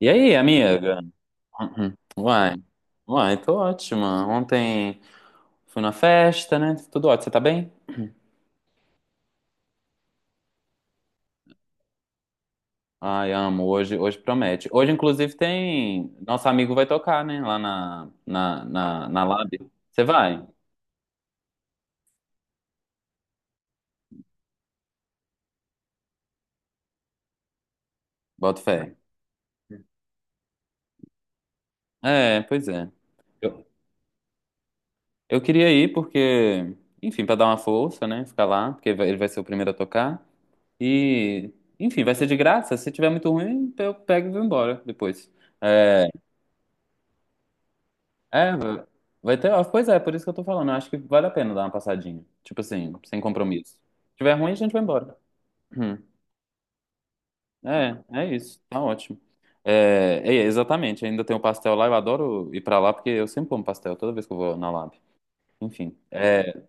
E aí, amiga? Uhum. Uai, tô ótima. Ontem fui na festa, né? Tudo ótimo. Você tá bem? Ai, amo. Hoje promete. Hoje, inclusive, tem. Nosso amigo vai tocar, né? Lá na Lab. Você vai? Bota fé. É, pois é. Eu, eu queria ir porque, enfim, pra dar uma força, né? Ficar lá, porque ele vai ser o primeiro a tocar. E, enfim, vai ser de graça. Se tiver muito ruim, eu pego e vou embora depois. É, é, vai ter. Pois é, por isso que eu tô falando. Eu acho que vale a pena dar uma passadinha. Tipo assim, sem compromisso. Se tiver ruim, a gente vai embora. Hum. É, é isso. Tá ótimo. É, é, exatamente. Ainda tem o pastel lá. Eu adoro ir pra lá porque eu sempre como pastel toda vez que eu vou na Lab. Enfim. É,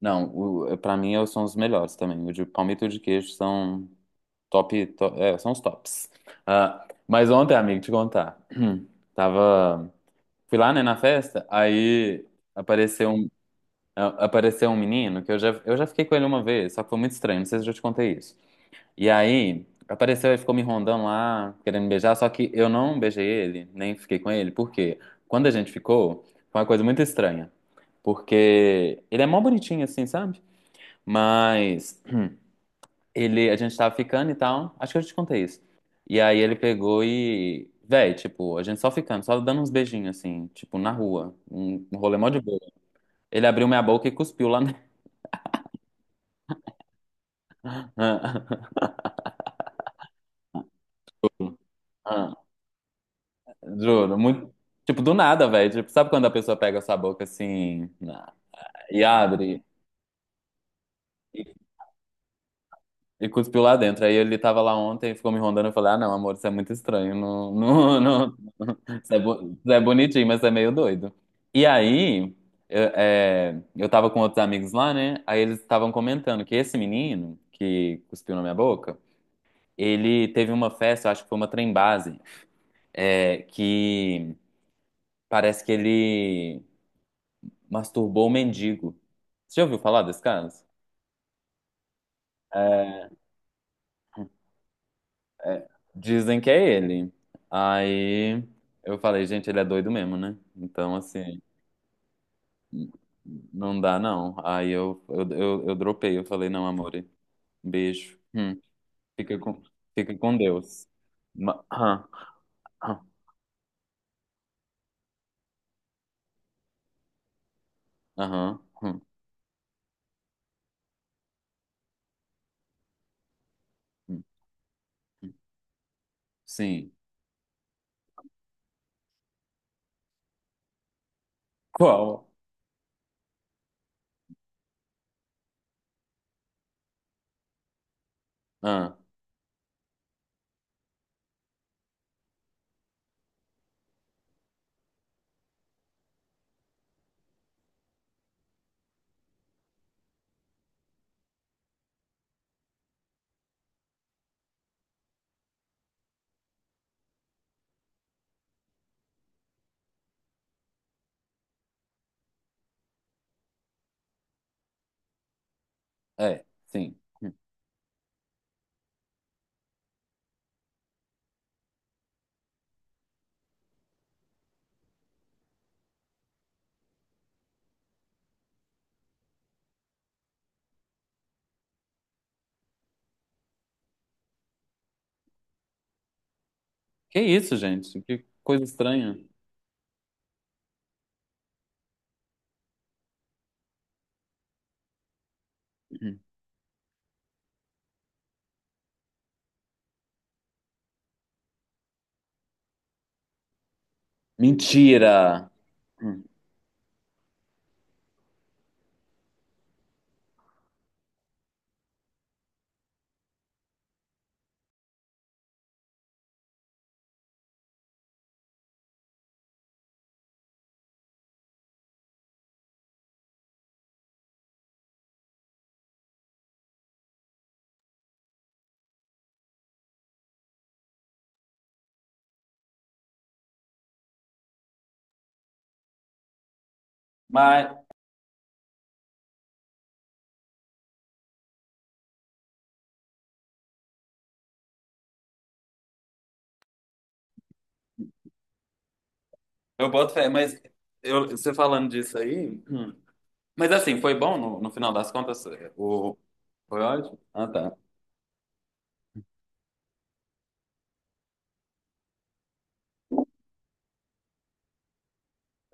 não, o, pra mim são os melhores também. O de palmito e o de queijo são top. É, são os tops. Ah, mas ontem, amigo, te contar. Tava. Fui lá, né, na festa. Aí. Apareceu um Apareceu um menino que eu já fiquei com ele uma vez, só que foi muito estranho, não sei se eu já te contei isso. E aí, apareceu e ficou me rondando lá, querendo me beijar, só que eu não beijei ele, nem fiquei com ele, porque quando a gente ficou, foi uma coisa muito estranha. Porque ele é mó bonitinho assim, sabe? Mas ele, a gente tava ficando e tal, acho que eu já te contei isso. E aí ele pegou e, véi, tipo, a gente só ficando, só dando uns beijinhos assim, tipo, na rua, um rolê mó de boa. Ele abriu minha boca e cuspiu lá na... Ah, juro, muito. Tipo, do nada, velho. Tipo, sabe quando a pessoa pega essa boca assim e abre e, e cuspiu lá dentro? Aí ele tava lá ontem e ficou me rondando. Eu falei, ah, não, amor, isso é muito estranho. Não, não, não. Isso é, isso é bonitinho, mas é meio doido. E aí, eu, é, eu tava com outros amigos lá, né? Aí eles estavam comentando que esse menino que cuspiu na minha boca, ele teve uma festa, eu acho que foi uma trem base, é, que parece que ele. Masturbou o mendigo. Você já ouviu falar desse caso? É, é, dizem que é ele. Aí eu falei, gente, ele é doido mesmo, né? Então, assim, n- não dá não. Aí eu dropei, eu falei, não, amor, beijo. Fica com, fica com Deus. Aham, aham, aham, hum. Sim. Qual? Ah, é, sim. Hum. Que isso, gente? Que coisa estranha. Hum. Mentira! Hum. Mas. Eu boto fé, mas eu, você falando disso aí. hum. Mas assim, foi bom no, no final das contas? O, foi ótimo? Ah, tá.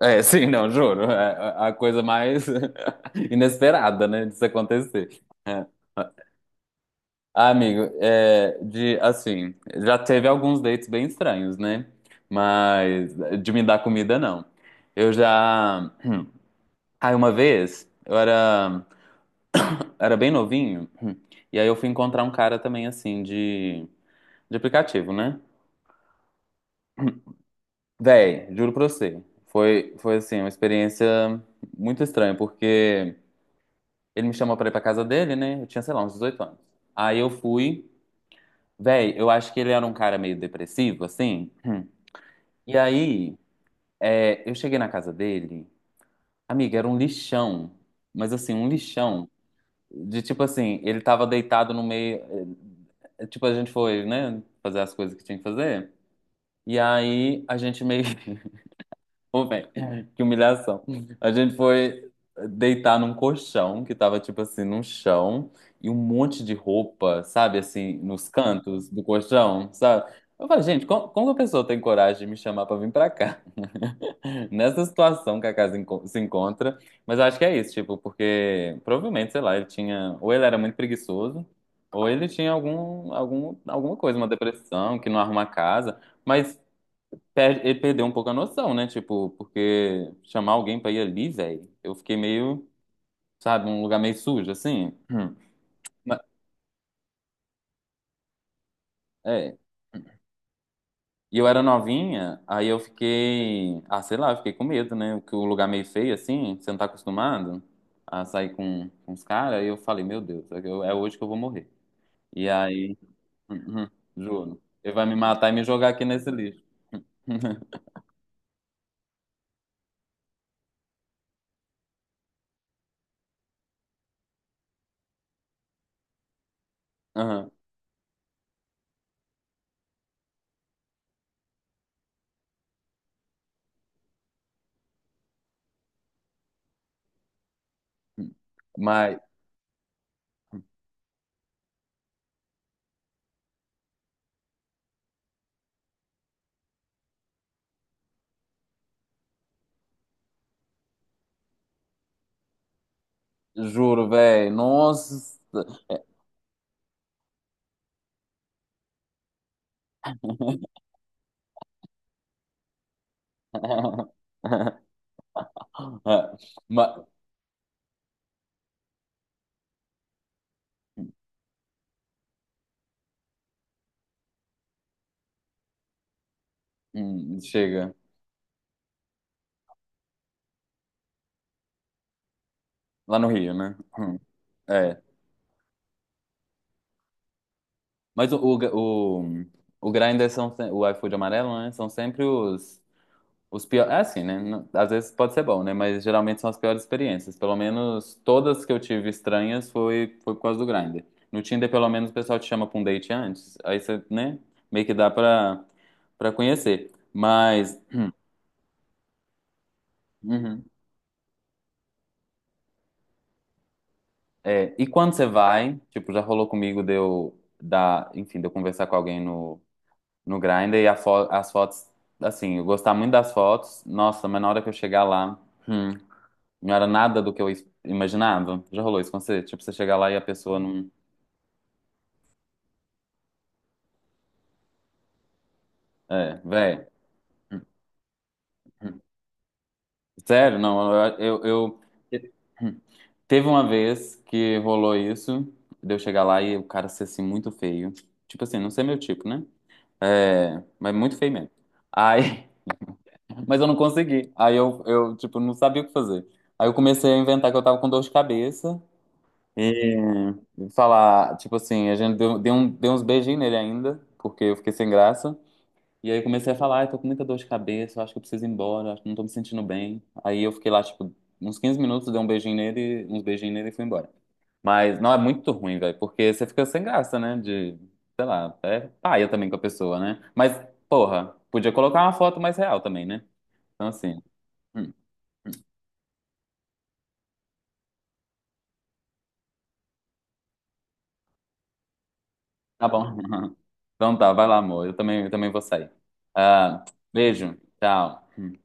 É, sim, não, juro. É a coisa mais inesperada, né, disso acontecer. É. Ah, amigo, é, de assim, já teve alguns dates bem estranhos, né? Mas de me dar comida, não. Eu já. Aí uma vez, era bem novinho, e aí eu fui encontrar um cara também, assim, de. De aplicativo, né? Véi, juro pra você. Foi assim, uma experiência muito estranha, porque ele me chamou pra ir pra casa dele, né? Eu tinha, sei lá, uns 18 anos. Aí eu fui. Véi, eu acho que ele era um cara meio depressivo, assim. E aí, é, eu cheguei na casa dele. Amiga, era um lixão. Mas assim, um lixão. De tipo assim, ele tava deitado no meio. Tipo, a gente foi, né? Fazer as coisas que tinha que fazer. E aí, a gente meio Ô, velho, que humilhação. A gente foi deitar num colchão que tava, tipo assim, num chão e um monte de roupa, sabe, assim, nos cantos do colchão, sabe? Eu falei, gente, como, como que a pessoa tem coragem de me chamar pra vir pra cá? Nessa situação que a casa se encontra. Mas eu acho que é isso, tipo, porque provavelmente, sei lá, ele tinha. Ou ele era muito preguiçoso, ou ele tinha algum, algum, alguma coisa, uma depressão, que não arruma a casa. Mas ele perdeu um pouco a noção, né? Tipo, porque chamar alguém pra ir ali, velho, eu fiquei meio, sabe, um lugar meio sujo, assim. Hum. Ma- É. E eu era novinha, aí eu fiquei, ah, sei lá, eu fiquei com medo, né? Que o lugar meio feio, assim, você não tá acostumado a sair com os caras, aí eu falei, meu Deus, é que é hoje que eu vou morrer. E aí, uhum, juro, ele vai me matar e me jogar aqui nesse lixo. Uhum. Mas, juro, velho, nossa. Ah, ma- chega. Lá no Rio, né? É. Mas o Grindr são, o iFood amarelo, né? São sempre os piores. É assim, né? Às vezes pode ser bom, né? Mas geralmente são as piores experiências. Pelo menos todas que eu tive estranhas foi, foi por causa do Grindr. No Tinder, pelo menos, o pessoal te chama pra um date antes. Aí você, né? Meio que dá pra, pra conhecer. Mas. Uhum. É, e quando você vai, tipo, já rolou comigo de eu dar, enfim, de eu conversar com alguém no, no Grindr e a as fotos, assim, eu gostar muito das fotos, nossa, mas na hora que eu chegar lá, hum, não era nada do que eu imaginava. Já rolou isso com você? Tipo, você chegar lá e a pessoa não. É, véi, sério, não, eu, eu, eu- Teve uma vez que rolou isso, de eu chegar lá e o cara ser assim muito feio. Tipo assim, não sei meu tipo, né? É, mas muito feio mesmo. Aí Mas eu não consegui. Aí eu, tipo, não sabia o que fazer. Aí eu comecei a inventar que eu tava com dor de cabeça e falar, tipo assim, a gente deu uns beijinhos nele ainda, porque eu fiquei sem graça. E aí comecei a falar, ai, tô com muita dor de cabeça, eu acho que eu preciso ir embora, acho que não tô me sentindo bem. Aí eu fiquei lá, tipo, uns 15 minutos, dei um beijinho nele, uns beijinhos nele e fui embora. Mas não é muito ruim, velho, porque você fica sem graça, né? De, sei lá, é paia também com a pessoa, né? Mas, porra, podia colocar uma foto mais real também, né? Então, assim. Hum, Tá bom. Então tá, vai lá, amor. Eu também vou sair. Ah, beijo. Tchau.